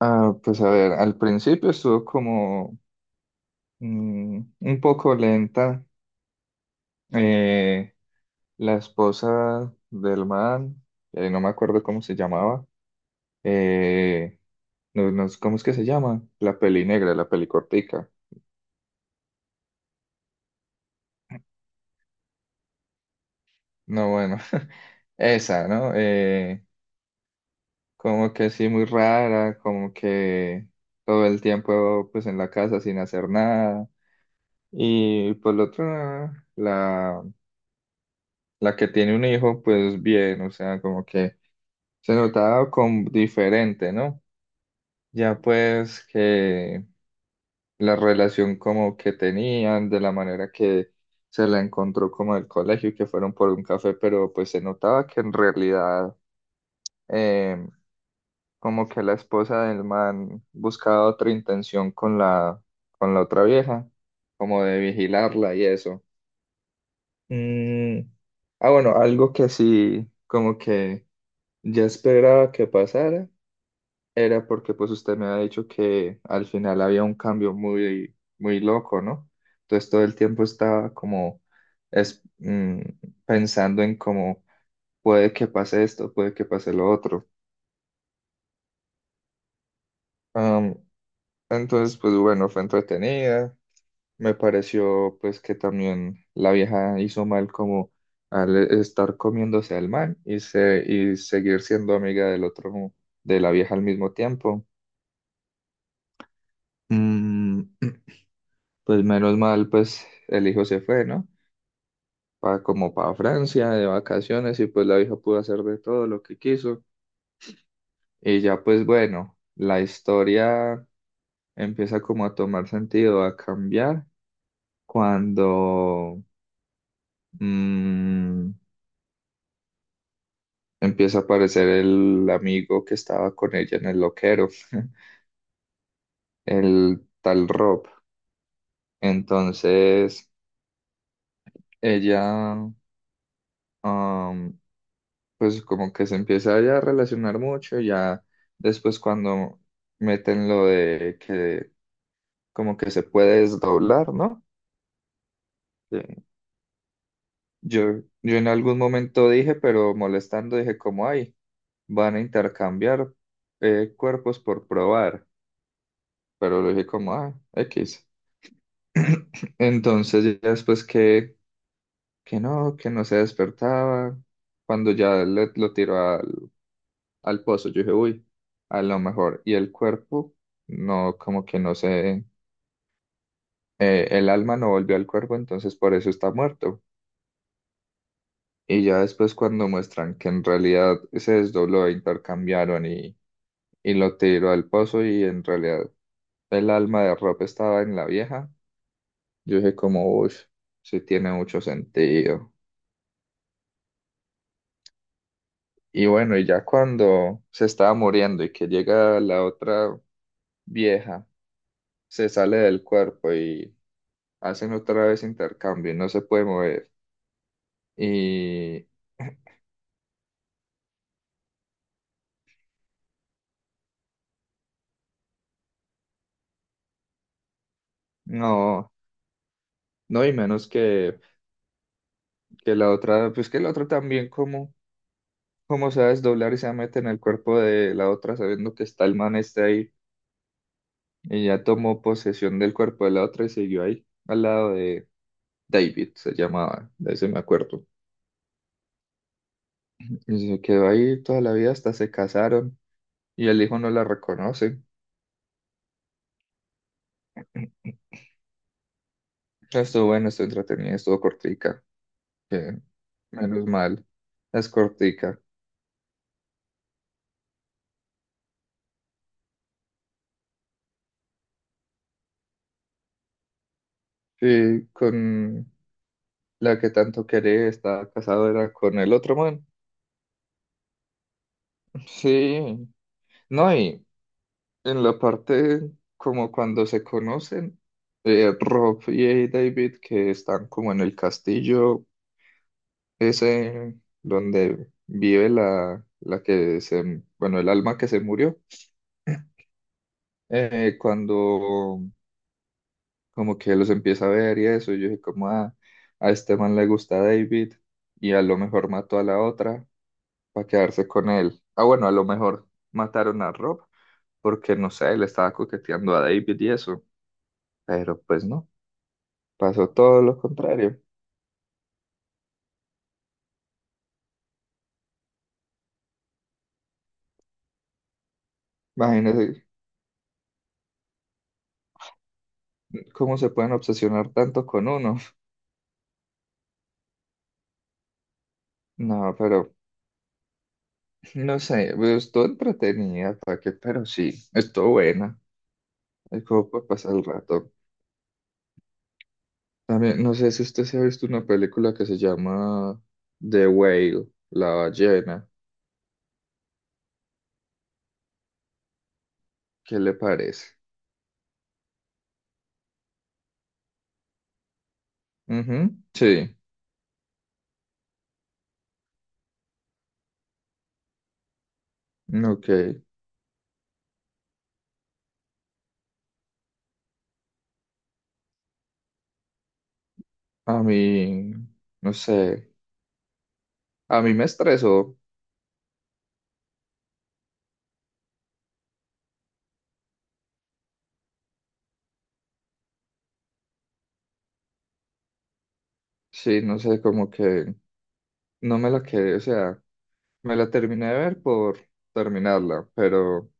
Ah, pues a ver, al principio estuvo como un poco lenta. Eh, la esposa del man, no me acuerdo cómo se llamaba, eh, no, no, ¿cómo es que se llama? La peli negra, la peli cortica. No, bueno, esa, ¿no? Como que sí, muy rara, como que todo el tiempo pues en la casa sin hacer nada. Y por el otro, la... la que tiene un hijo, pues bien, o sea, como que se notaba como diferente, ¿no? Ya pues que la relación como que tenían, de la manera que se la encontró como el colegio, que fueron por un café, pero pues se notaba que en realidad eh, como que la esposa del man buscaba otra intención con con la otra vieja, como de vigilarla y eso. Mm. Ah, bueno, algo que sí, como que ya esperaba que pasara, era porque pues usted me ha dicho que al final había un cambio muy, muy loco, ¿no? Entonces todo el tiempo estaba como es, mm, pensando en cómo puede que pase esto, puede que pase lo otro. Am, entonces pues bueno, fue entretenida. Me pareció pues que también la vieja hizo mal como al estar comiéndose al man y seguir siendo amiga del otro, de la vieja al mismo tiempo. Mm. Pues menos mal, pues el hijo se fue, ¿no? Como para Francia de vacaciones y pues la hija pudo hacer de todo lo que quiso. Y ya pues bueno, la historia empieza como a tomar sentido, a cambiar cuando mm, empieza a aparecer el amigo que estaba con ella en el loquero, el tal Rob. Entonces ella, am, pues como que se empieza ya a relacionar mucho, ya después cuando meten lo de que como que se puede desdoblar, ¿no? Eh, yo en algún momento dije, pero molestando, dije como, ay, van a intercambiar cuerpos por probar, pero lo dije como, ah, X. Entonces ya después que no se despertaba, cuando ya lo tiró al pozo. Yo dije, uy, a lo mejor. Y el cuerpo, no, como que no sé, el alma no volvió al cuerpo, entonces por eso está muerto. Y ya después cuando muestran que en realidad se desdobló, e intercambiaron y lo tiró al pozo y en realidad el alma de Rob estaba en la vieja, yo dije como, uy, sí tiene mucho sentido. Y bueno, y ya cuando se estaba muriendo y que llega la otra vieja, se sale del cuerpo y hacen otra vez intercambio y no se puede mover. Y no, no, y menos que la otra, pues que la otra también como, como se va a desdoblar y se mete en el cuerpo de la otra sabiendo que está el man este ahí y ya tomó posesión del cuerpo de la otra y siguió ahí al lado de David, se llamaba, de ese me acuerdo. Y se quedó ahí toda la vida hasta se casaron y el hijo no la reconoce. Estuvo bueno, estuvo entretenida, estuvo cortica, que menos mal, es cortica. Sí, con la que tanto quería, estaba casado era con el otro man. Sí, no, y en la parte como cuando se conocen, Rob y David que están como en el castillo ese donde vive la que se, bueno, el alma que se murió, cuando como que los empieza a ver y eso, yo dije como "Ah, a este man le gusta David y a lo mejor mató a la otra para quedarse con él. Ah, bueno, a lo mejor mataron a Rob porque, no sé, le estaba coqueteando a David y eso, pero pues no, pasó todo lo contrario." Imagínense cómo se pueden obsesionar tanto con uno. No, pero no sé, pues, estuvo entretenida, ¿para qué? Pero sí, estuvo buena. Es como por pasar el rato. También, no sé si usted se ha visto una película que se llama The Whale, la ballena. ¿Qué le parece? Ujú. Sí, ok. A mí, no sé, a mí me estresó, sí, no sé, como que no me la quedé, o sea, me la terminé de ver por terminarla, pero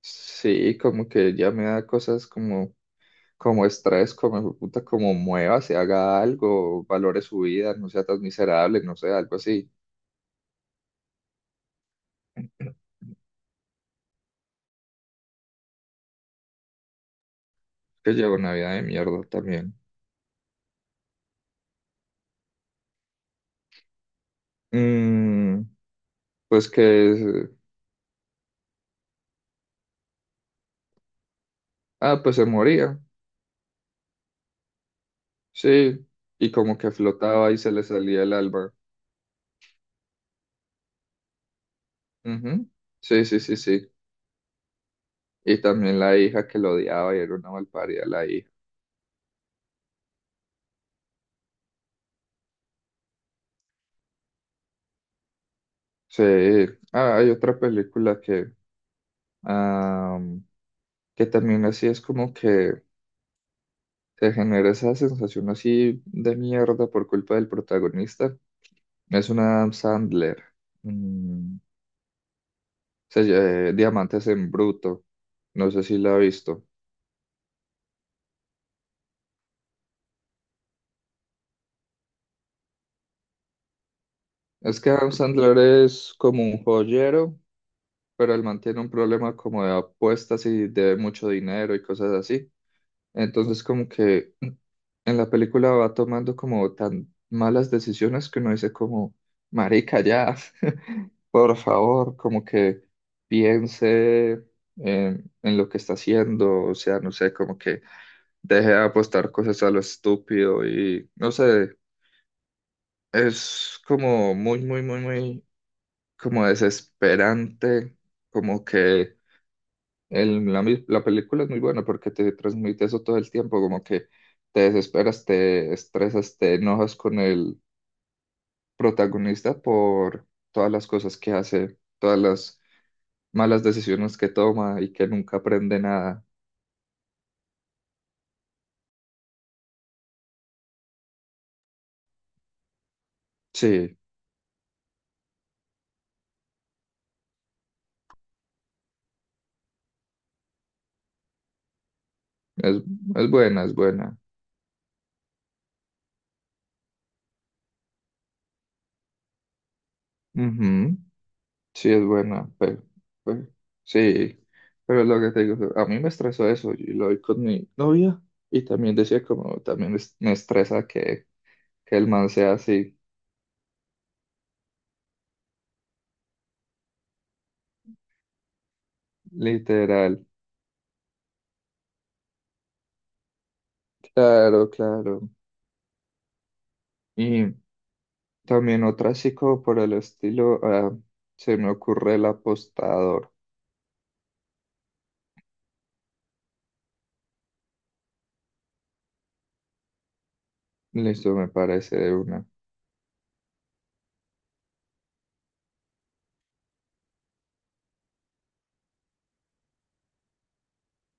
sí, como que ya me da cosas como, como estrés, como hijo de puta, como mueva, se haga algo, valore su vida, no sea tan miserable, no sé, algo así, que llevo una vida de mierda también. Mm, pues que, ah, pues se moría, sí, y como que flotaba y se le salía el alma. Ujú. Sí, sí, sí, sí. Y también la hija que lo odiaba y era una malparida la hija. Sí. Ah, hay otra película am, que también así es como que te genera esa sensación así de mierda por culpa del protagonista. Es una Adam Sandler. Mm, se llama Diamantes en Bruto. No sé si la ha visto. Es que Adam Sandler es como un joyero, pero él mantiene un problema como de apuestas y debe mucho dinero y cosas así. Entonces como que en la película va tomando como tan malas decisiones que uno dice como, marica, ya, por favor, como que piense en lo que está haciendo, o sea, no sé, como que deje de apostar cosas a lo estúpido y no sé, es como muy, muy, muy, muy, como desesperante, como que la película es muy buena porque te transmite eso todo el tiempo, como que te desesperas, te estresas, te enojas con el protagonista por todas las cosas que hace, todas las malas decisiones que toma y que nunca aprende nada. Sí, es, es buena, es buena. Ujú. Sí, es buena, pero- sí, pero lo que te digo, a mí me estresó eso y lo vi con mi novia y también decía como, también me estresa que el man sea así. Literal, claro, claro. Y también otra así como por el estilo, ah, se me ocurre el apostador. Listo, me parece de una.